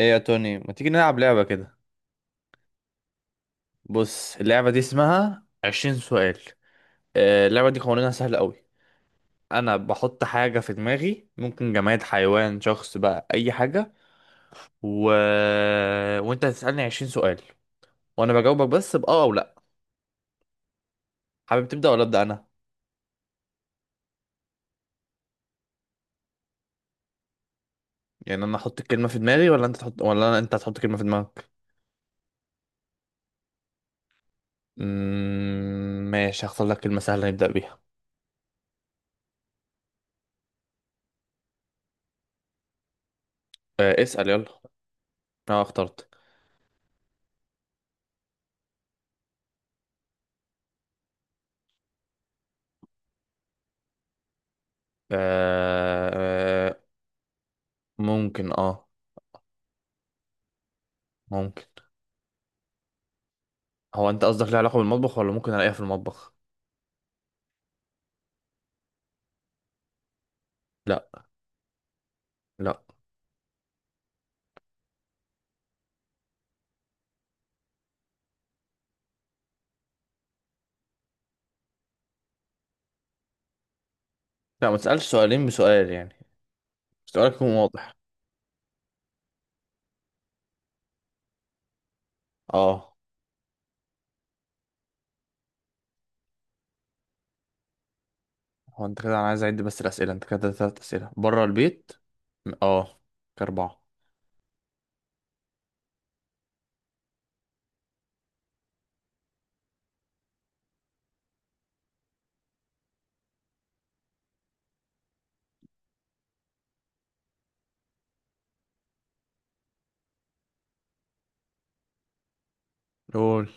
ايه يا توني، ما تيجي نلعب لعبة كده؟ بص، اللعبة دي اسمها عشرين سؤال. آه، اللعبة دي قوانينها سهلة قوي. انا بحط حاجة في دماغي، ممكن جماد، حيوان، شخص، بقى اي حاجة. و... وانت هتسألني عشرين سؤال وانا بجاوبك بس بأه او لا. حابب تبدأ ولا أبدأ انا؟ يعني انا احط الكلمة في دماغي ولا انت تحط، انت هتحط كلمة في دماغك. ماشي، هختار لك كلمة سهلة نبدأ بيها. آه، اسأل يلا. انا اخترت. آه... آه، ممكن اه. ممكن. هو انت قصدك ليه علاقة بالمطبخ ولا ممكن الاقيها في المطبخ؟ لا. لا. لا، ما تسألش سؤالين بسؤال يعني، سؤالك يكون واضح. اه. هو انت كده انا عايز اعد بس الأسئلة، انت كده تلات أسئلة بره البيت. اه، كأربعة. قول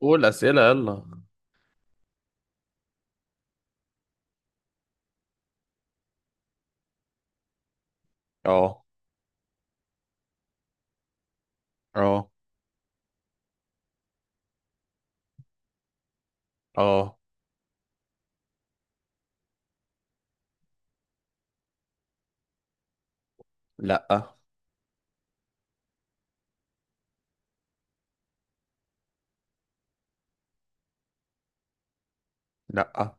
قول أسئلة يلا. اه. اه. اه. لا. لا.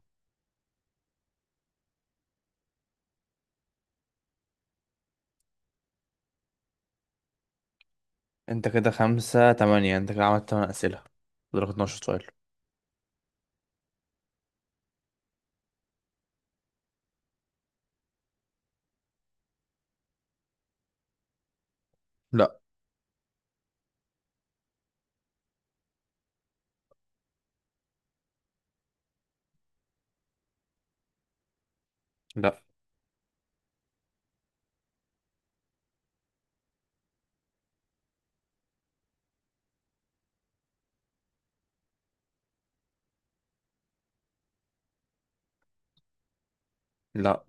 انت كده خمسة تمانية، انت كده عملت تمن أسئلة، فاضلك 12 سؤال. لا. لا. لا.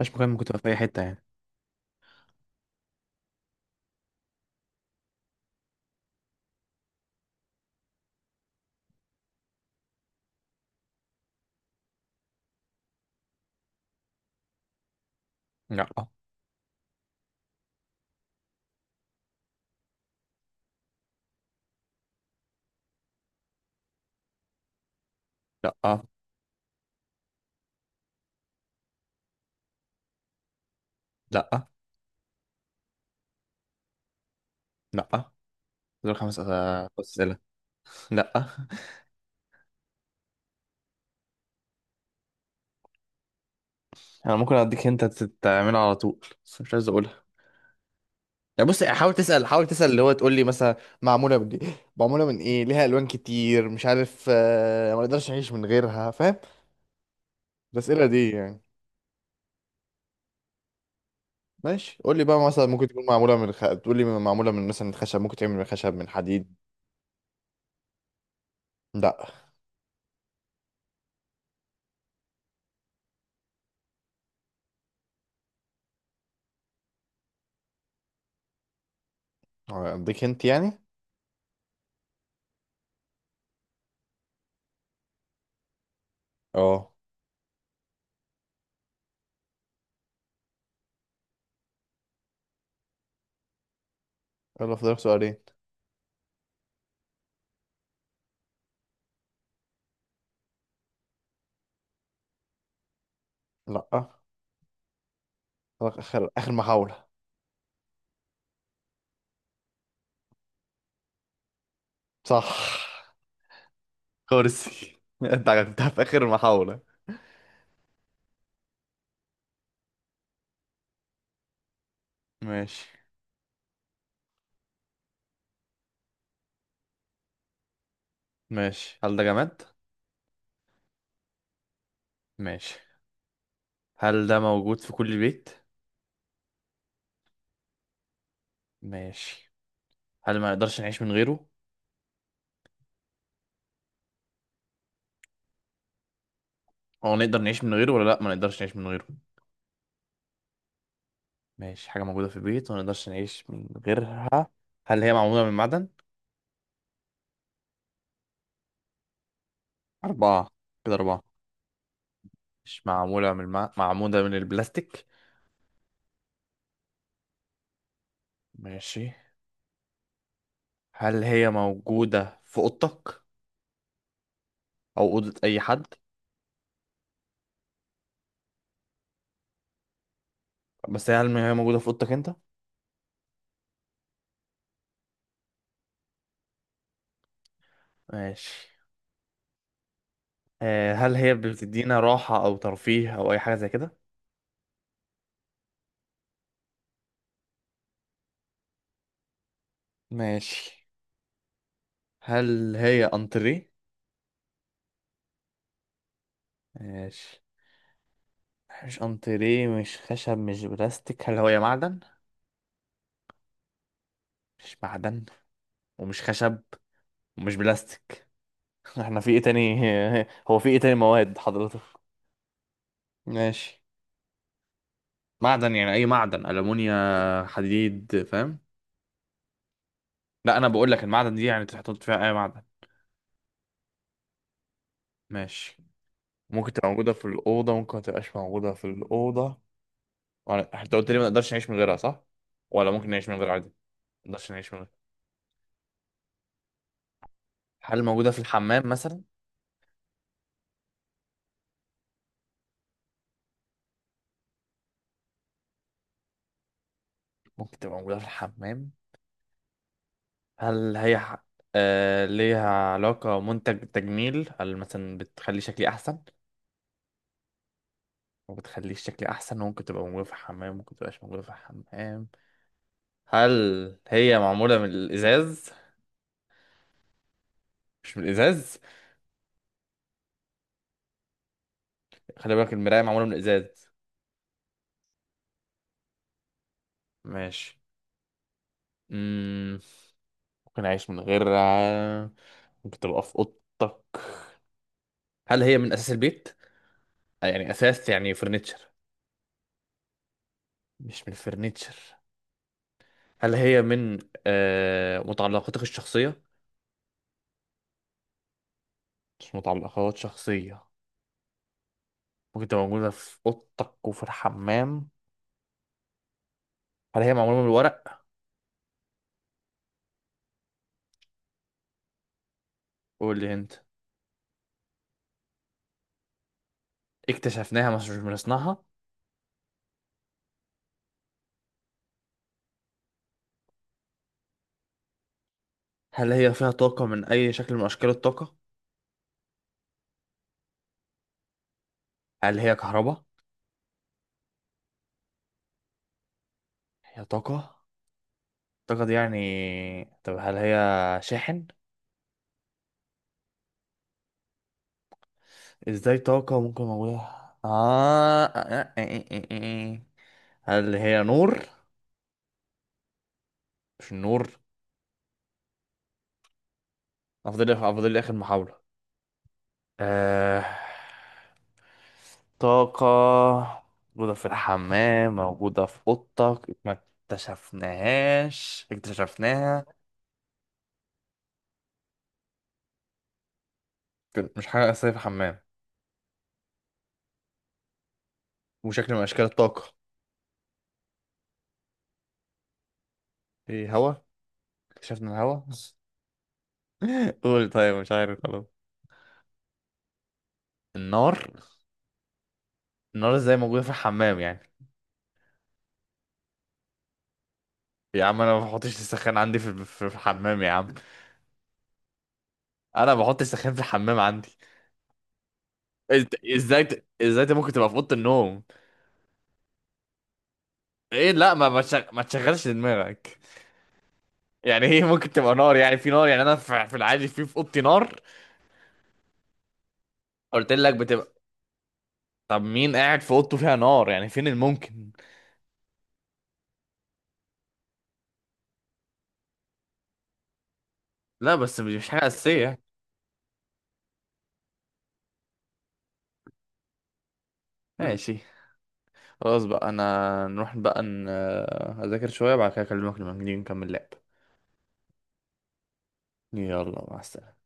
مفيش مكان، ممكن تبقى في أي حتة يعني. لا. لا. لا. لا، دول أسئلة. لا. انا ممكن اديك انت تعملها على طول بس مش عايز اقولها. يعني بص، حاول تسال حاول تسال اللي هو تقول لي مثلا معموله من ايه، معموله من ايه، ليها الوان كتير، مش عارف آه، ما اقدرش اعيش من غيرها، فاهم؟ الاسئله دي يعني. ماشي، قول لي بقى مثلا ممكن تكون معموله تقول لي معموله من مثلا خشب، ممكن تعمل من خشب، من حديد. لا. آه، اديك انت يعني. اه. يلا، فاضلك سؤالين. لا. فاضلك اخر اخر محاوله. صح. كرسي. انت عرفتها في اخر محاوله. ماشي. ماشي. هل ده جماد؟ ماشي. هل ده موجود في كل بيت؟ ماشي. هل ما نقدرش نعيش من غيره؟ هو نقدر نعيش من غيره ولا لا، ما نقدرش نعيش من غيره؟ ماشي، حاجة موجودة في البيت وما نقدرش نعيش من غيرها. هل هي معمولة من معدن؟ أربعة. كده أربعة. مش معمولة معمولة من البلاستيك؟ ماشي. هل هي موجودة في أوضتك أو أوضة أي حد؟ بس هل هي موجودة في أوضتك أنت؟ ماشي. آه، هل هي بتدينا راحة أو ترفيه أو أي حاجة زي كده؟ ماشي. هل هي أنتريه؟ ماشي. مش انتريه، مش خشب، مش بلاستيك، هل هو يا معدن؟ مش معدن، ومش خشب، ومش بلاستيك. احنا في ايه تاني؟ هو في ايه تاني مواد حضرتك؟ ماشي. معدن يعني اي معدن، الومنيا، حديد، فاهم؟ لا، انا بقول لك المعدن دي يعني تحط فيها اي معدن. ماشي. ممكن تبقى موجوده في الاوضه، ممكن ما تبقاش موجوده في الاوضه؟ ولا انت قلت لي ما نقدرش نعيش من غيرها، صح؟ ولا ممكن نعيش من غيرها عادي؟ ما نقدرش نعيش من غيرها. هل موجوده في الحمام مثلا؟ ممكن تبقى موجوده في الحمام. هل هي ح- آه، ليها علاقة منتج تجميل، هل مثلا بتخلي شكلي أحسن؟ وبتخلي شكلي أحسن، وممكن تبقى موجودة في الحمام، وممكن تبقاش موجودة في الحمام. هل هي معمولة من الإزاز؟ مش من الإزاز؟ خلي بالك، المراية معمولة من الإزاز. ماشي. مم. ممكن أعيش من غيرها، ممكن تبقى في أوضتك. هل هي من أساس البيت؟ آه، يعني أساس يعني فرنتشر. مش من فرنتشر. هل هي من آه متعلقاتك الشخصية؟ مش متعلقات شخصية. ممكن تبقى موجودة في أوضتك وفي الحمام. هل هي معمولة من الورق؟ قول لي أنت. اكتشفناها، مش مش من صنعها. هل هي فيها طاقة من أي شكل من أشكال الطاقة؟ هل هي كهرباء؟ هي طاقة؟ الطاقة دي يعني. طب هل هي شاحن؟ إزاي طاقة ممكن موجودة؟ آه آه، آه، آه، آه، آه. هل هي نور؟ مش النور. أفضل لي آخر محاولة. آه... طاقة موجودة في الحمام، موجودة في أوضتك، ما اكتشفناهاش اكتشفناها. مش حاجة أساسية في الحمام، وشكل من أشكال الطاقة. ايه، هوا؟ اكتشفنا الهوا. قول، طيب مش عارف خلاص. النار. النار ازاي موجودة في الحمام يعني؟ يا عم، انا ما بحطش السخان عندي في الحمام يا عم. انا ما بحطش السخان في الحمام عندي. ممكن تبقى في اوضه النوم. ايه، لا، ما تشغلش دماغك. يعني هي ممكن تبقى نار؟ يعني في نار يعني انا في العادي في اوضتي نار؟ قلت لك بتبقى. طب مين قاعد في اوضته فيها نار يعني؟ فين الممكن؟ لا بس مش حاجه اساسيه يعني. ماشي. خلاص بقى، انا نروح بقى اذاكر شويه، بعد كده اكلمك لما نيجي نكمل لعب. يلا، مع السلامه.